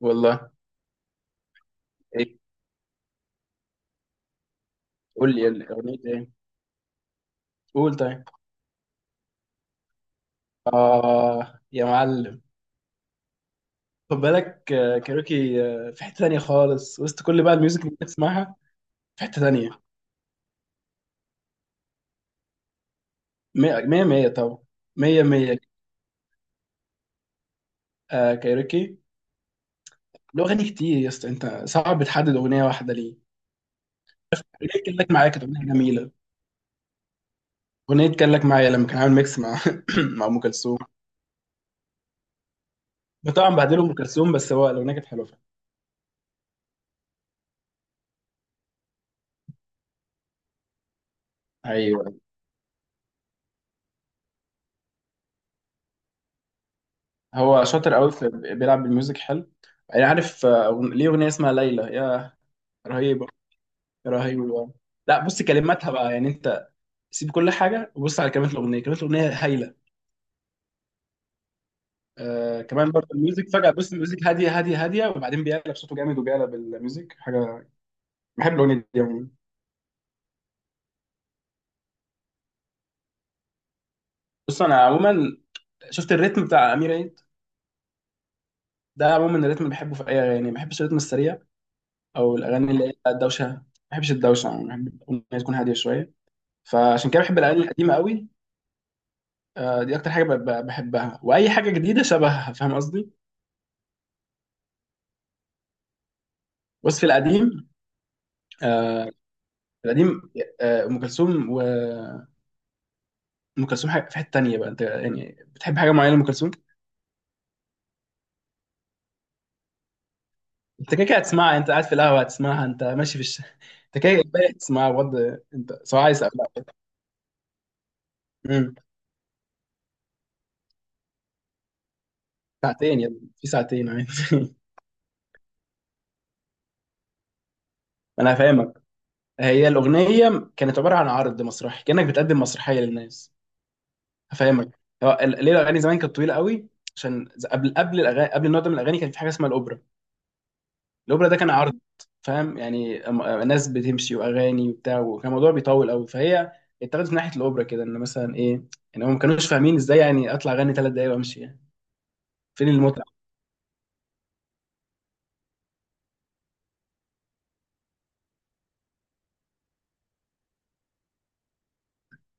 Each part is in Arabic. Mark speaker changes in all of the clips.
Speaker 1: والله. ايه؟ قول لي اغنية ايه؟ قول طيب. اه يا معلم. خد بالك كاروكي. في حتة تانية خالص وسط كل بقى الميوزك اللي بتسمعها. في حتة تانية. مية مية مية طبعا. مية مية. كاروكي. له أغاني كتير يا اسطى، أنت صعب تحدد أغنية واحدة ليه. أغنية كان لك معايا كانت أغنية جميلة. أغنية كان لك معايا لما كان عامل ميكس مع مع أم كلثوم. طبعا بعدله أم كلثوم، بس هو الأغنية كانت حلوة فعلا. ايوه. هو شاطر قوي في، بيلعب بالميوزك حلو. انا عارف. ليه اغنيه اسمها ليلى يا... رهيبه. رهيبه. لا، بص كلماتها بقى، يعني انت، سيب كل حاجه وبص على كلمات الاغنيه، كلمات الاغنيه هايله. كمان برضه الميوزك فجاه، بص الميوزك هاديه هاديه هاديه وبعدين بيقلب صوته جامد وبيقلب الميوزك حاجه. بحب الاغنيه دي عموما. بص، انا عموما شفت الريتم بتاع امير عيد، ده عموما الريتم اللي بحبه في اي اغاني، ما بحبش الريتم السريع او الاغاني اللي هي الدوشه، ما بحبش الدوشه، يعني بحب الاغنيه تكون هاديه شويه. فعشان كده بحب الاغاني القديمه قوي. دي اكتر حاجه بحبها، واي حاجه جديده شبهها، فاهم قصدي. بس في القديم. آه، في القديم. ام كلثوم. وام كلثوم حاجه في حته تانيه بقى. انت يعني بتحب حاجه معينه لام كلثوم؟ انت كده كده هتسمعها، انت قاعد في القهوه هتسمعها، انت ماشي في الشارع انت كده كده هتسمعها بجد، انت سواء عايز او لا. مم. ساعتين يا ابني، في ساعتين عادي. انا هفهمك، هي الاغنيه كانت عباره عن عرض مسرحي، كانك بتقدم مسرحيه للناس. هفهمك، ليه الاغاني زمان كانت طويله قوي؟ قبل الاغاني، قبل النوع ده من الاغاني كان في حاجه اسمها الاوبرا. الاوبرا ده كان عرض. فاهم يعني ناس بتمشي واغاني وبتاع، وكان الموضوع بيطول قوي فهي، اتخذت من ناحيه الاوبرا كده، ان مثلا ايه، ان هم ما كانوش فاهمين ازاي يعني اطلع اغني 3 دقايق وامشي يعني. فين المتعه؟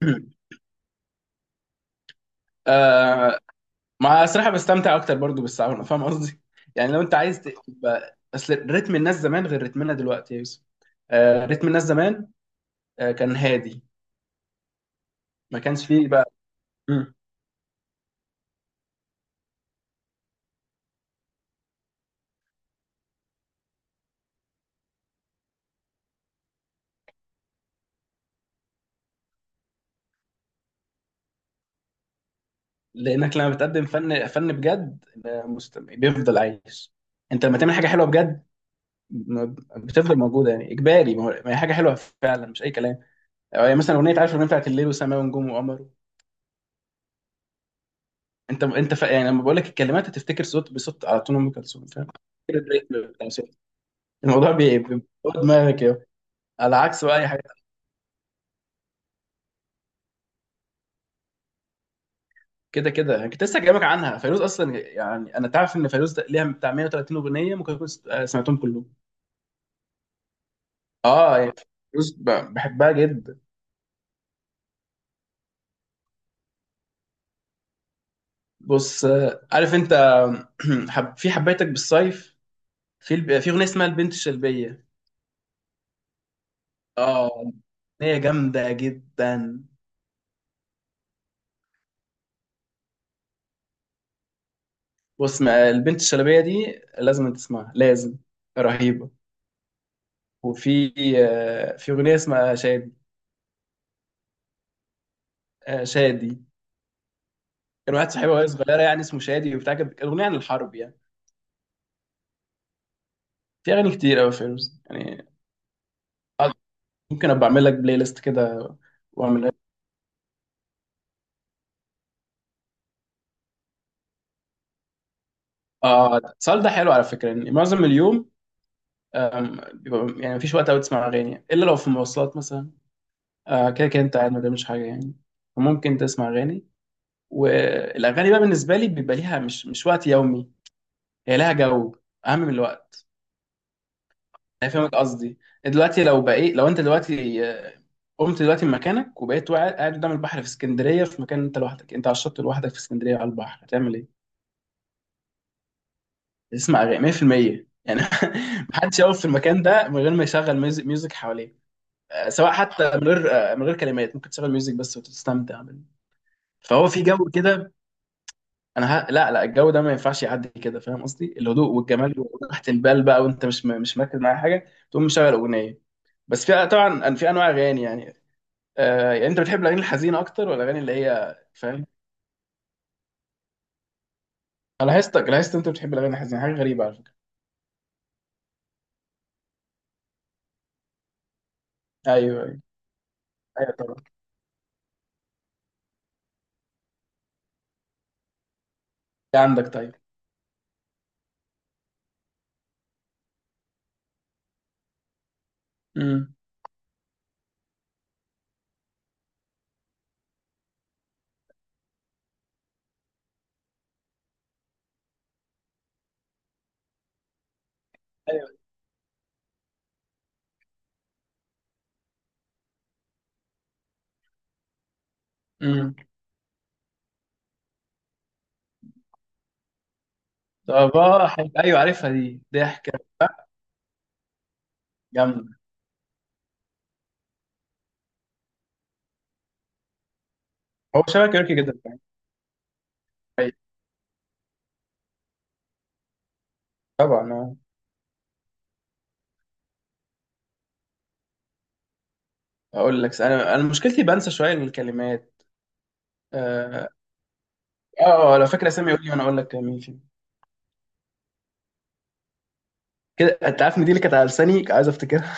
Speaker 1: آه مع الصراحه بستمتع اكتر برضو بالساوند، فاهم قصدي. يعني لو انت عايز تبقى، اصل رتم الناس زمان غير رتمنا دلوقتي يا يوسف. رتم الناس زمان. كان هادي. ما كانش فيه بقى. مم. لانك لما بتقدم فن فن بجد، مستمع بيفضل عايش. انت لما تعمل حاجه حلوه بجد، بتفضل موجوده، يعني اجباري، ما هي حاجه حلوه فعلا، مش اي كلام. يعني مثلا اغنيه، عارف الاغنيه بتاعت الليل وسماء ونجوم وقمر؟ انت يعني لما بقول لك الكلمات هتفتكر صوت بصوت على طول ام كلثوم، فاهم. كده الريتم بتاع صوت. الموضوع بيبقى دماغك يا، على عكس بقى اي حاجه. كده كده يعني، كنت لسه جايبك عنها فيروز اصلا، يعني انا تعرف ان فيروز ده ليها بتاع 130 اغنيه، ممكن اكون سمعتهم كلهم. اه يعني، فيروز بحبها جدا. بص، عارف انت. في حبيتك بالصيف. في اغنيه اسمها البنت الشلبيه. اه، هي جامدة جدا. بص، ما البنت الشلبية دي لازم تسمعها، لازم. رهيبة. وفي، في أغنية اسمها شادي. شادي. كان واحد صاحبي وهي صغيرة يعني اسمه شادي وبتاع، كانت أغنية عن الحرب يعني. في أغاني كتير أوي فيروز يعني. آه، ممكن أبقى أعمل لك بلاي ليست كده وأعمل... السؤال ده حلو على فكرة، إن معظم اليوم بيبقى، يعني مفيش وقت أوي تسمع أغاني إلا لو في مواصلات مثلا. كده كده أنت قاعد ما بتعملش حاجة يعني، فممكن تسمع أغاني. والاغاني بقى بالنسبه لي بيبقى ليها مش وقت يومي. هي لها جو اهم من الوقت. انا فاهمك قصدي. دلوقتي لو انت دلوقتي قمت دلوقتي من مكانك وبقيت قاعد قدام البحر في اسكندريه، في مكان انت لوحدك، انت على الشط لوحدك في اسكندريه على البحر، هتعمل ايه؟ تسمع اغاني 100% يعني. محدش يقف في المكان ده من غير ما يشغل ميوزك حواليه. سواء حتى من غير كلمات، ممكن تشغل ميوزك بس وتستمتع بال-. فهو في جو كده. لا لا، الجو ده ما ينفعش يعدي كده، فاهم قصدي، الهدوء والجمال وراحه البال بقى، وانت مش مركز مع حاجه تقوم مشغل اغنيه. بس في طبعا في انواع اغاني يعني. يعني انت بتحب الاغاني الحزينه اكتر ولا الاغاني اللي هي، فاهم؟ انا لاحظتك لاحظت انت بتحب الاغاني الحزينه، حاجه غريبه على فكره. ايوه، ايوه، ايوه، طبعا. إيه عندك طيب؟ امم. ايوه. امم. ايوه، عارفها دي ضحكه. جامده. هو شبه كيروكي جدا، فاهم؟ أيوة، طبعا آه. اقول لك، انا مشكلتي بنسى شويه الكلمات. آه، اه اه، لو فاكر اسامي قول لي وانا اقول لك مين فيهم. كده انت عارف ان دي اللي كانت على لساني، كنت عايز افتكرها.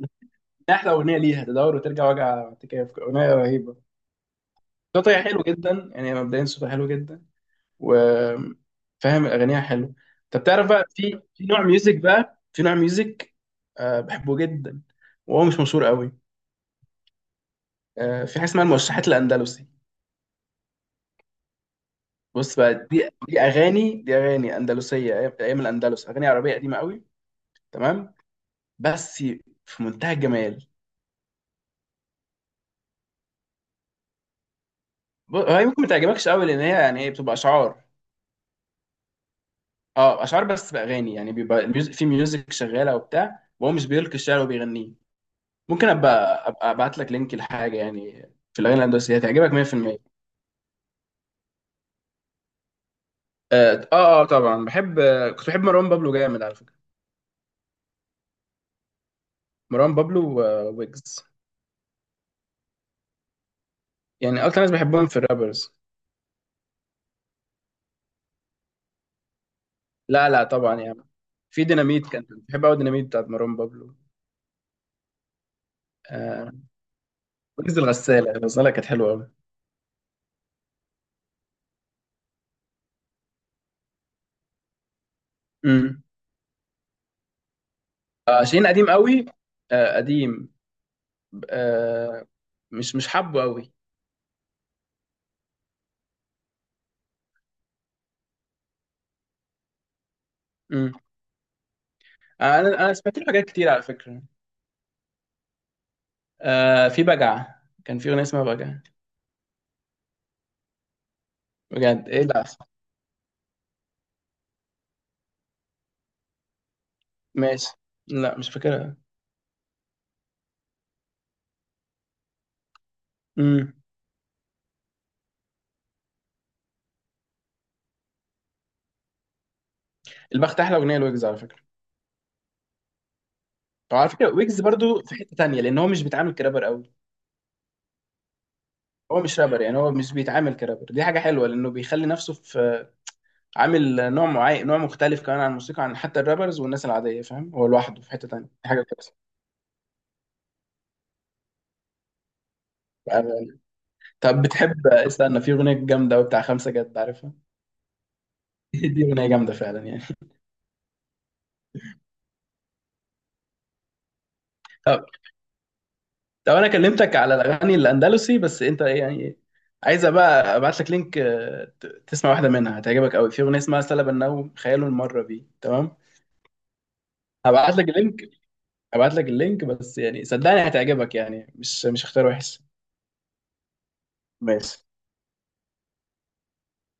Speaker 1: احلى اغنيه ليها تدور وترجع، وجع اعتكاف اغنيه رهيبه. صوتها حلو جدا، يعني مبدئيا صوتها حلو جدا وفاهم اغانيها حلو. طب تعرف بقى، في نوع ميوزك بقى، في نوع ميوزك بحبه جدا وهو مش مشهور قوي. في حاجه اسمها الموشحات الاندلسي. بص بقى، دي اغاني اندلسيه، ايام أيام الاندلس، اغاني عربيه قديمه قوي. تمام. بس، في منتهى الجمال. هي ممكن ما تعجبكش قوي، لان هي يعني هي بتبقى اشعار. اه، اشعار بس باغاني، يعني بيبقى الميوزك، في ميوزك شغاله وبتاع، وهو مش بيلقي الشعر وبيغنيه. ممكن ابقى ابعت لك لينك لحاجه يعني. في الاغاني الهندسيه هتعجبك 100%. اه اه. طبعا بحب. كنت بحب مروان بابلو جامد على فكره. مروان بابلو وويجز، يعني اكتر ناس بحبهم في الرابرز. لا لا، طبعا يعني. في ديناميت كان بحب قوي، ديناميت بتاعت مروان بابلو. آه ويجز، الغساله كانت حلوه قوي. امم. شيرين قديم قوي. قديم. آه مش حابه قوي. امم. انا سمعت له حاجات كتير على فكره. في بجعه، كان في اغنيه اسمها بجعه. بجد، ايه ده؟ ماشي. لا مش فاكرها. امم. البخت احلى اغنيه لويجز على فكره. طب على فكره ويجز برضو في حته تانية، لان هو مش بيتعامل كرابر قوي. هو مش رابر، يعني هو مش بيتعامل كرابر، دي حاجه حلوه لانه بيخلي نفسه في، عامل نوع معين، نوع مختلف كمان عن الموسيقى، عن حتى الرابرز والناس العاديه، فاهم، هو لوحده في حته تانية، دي حاجه كويسه. آه، طب بتحب استنى، في اغنيه جامده قوي بتاع خمسه جد، عارفها؟ دي اغنيه جامده فعلا يعني. طب طب، انا كلمتك على الاغاني الاندلسي، بس انت ايه يعني؟ عايز بقى ابعت لك لينك تسمع واحده منها هتعجبك قوي، في اغنيه اسمها سلب النوم خياله المره بي تمام. هبعت لك اللينك هبعت لك اللينك، بس يعني صدقني هتعجبك، يعني مش اختيار وحش. ماشي.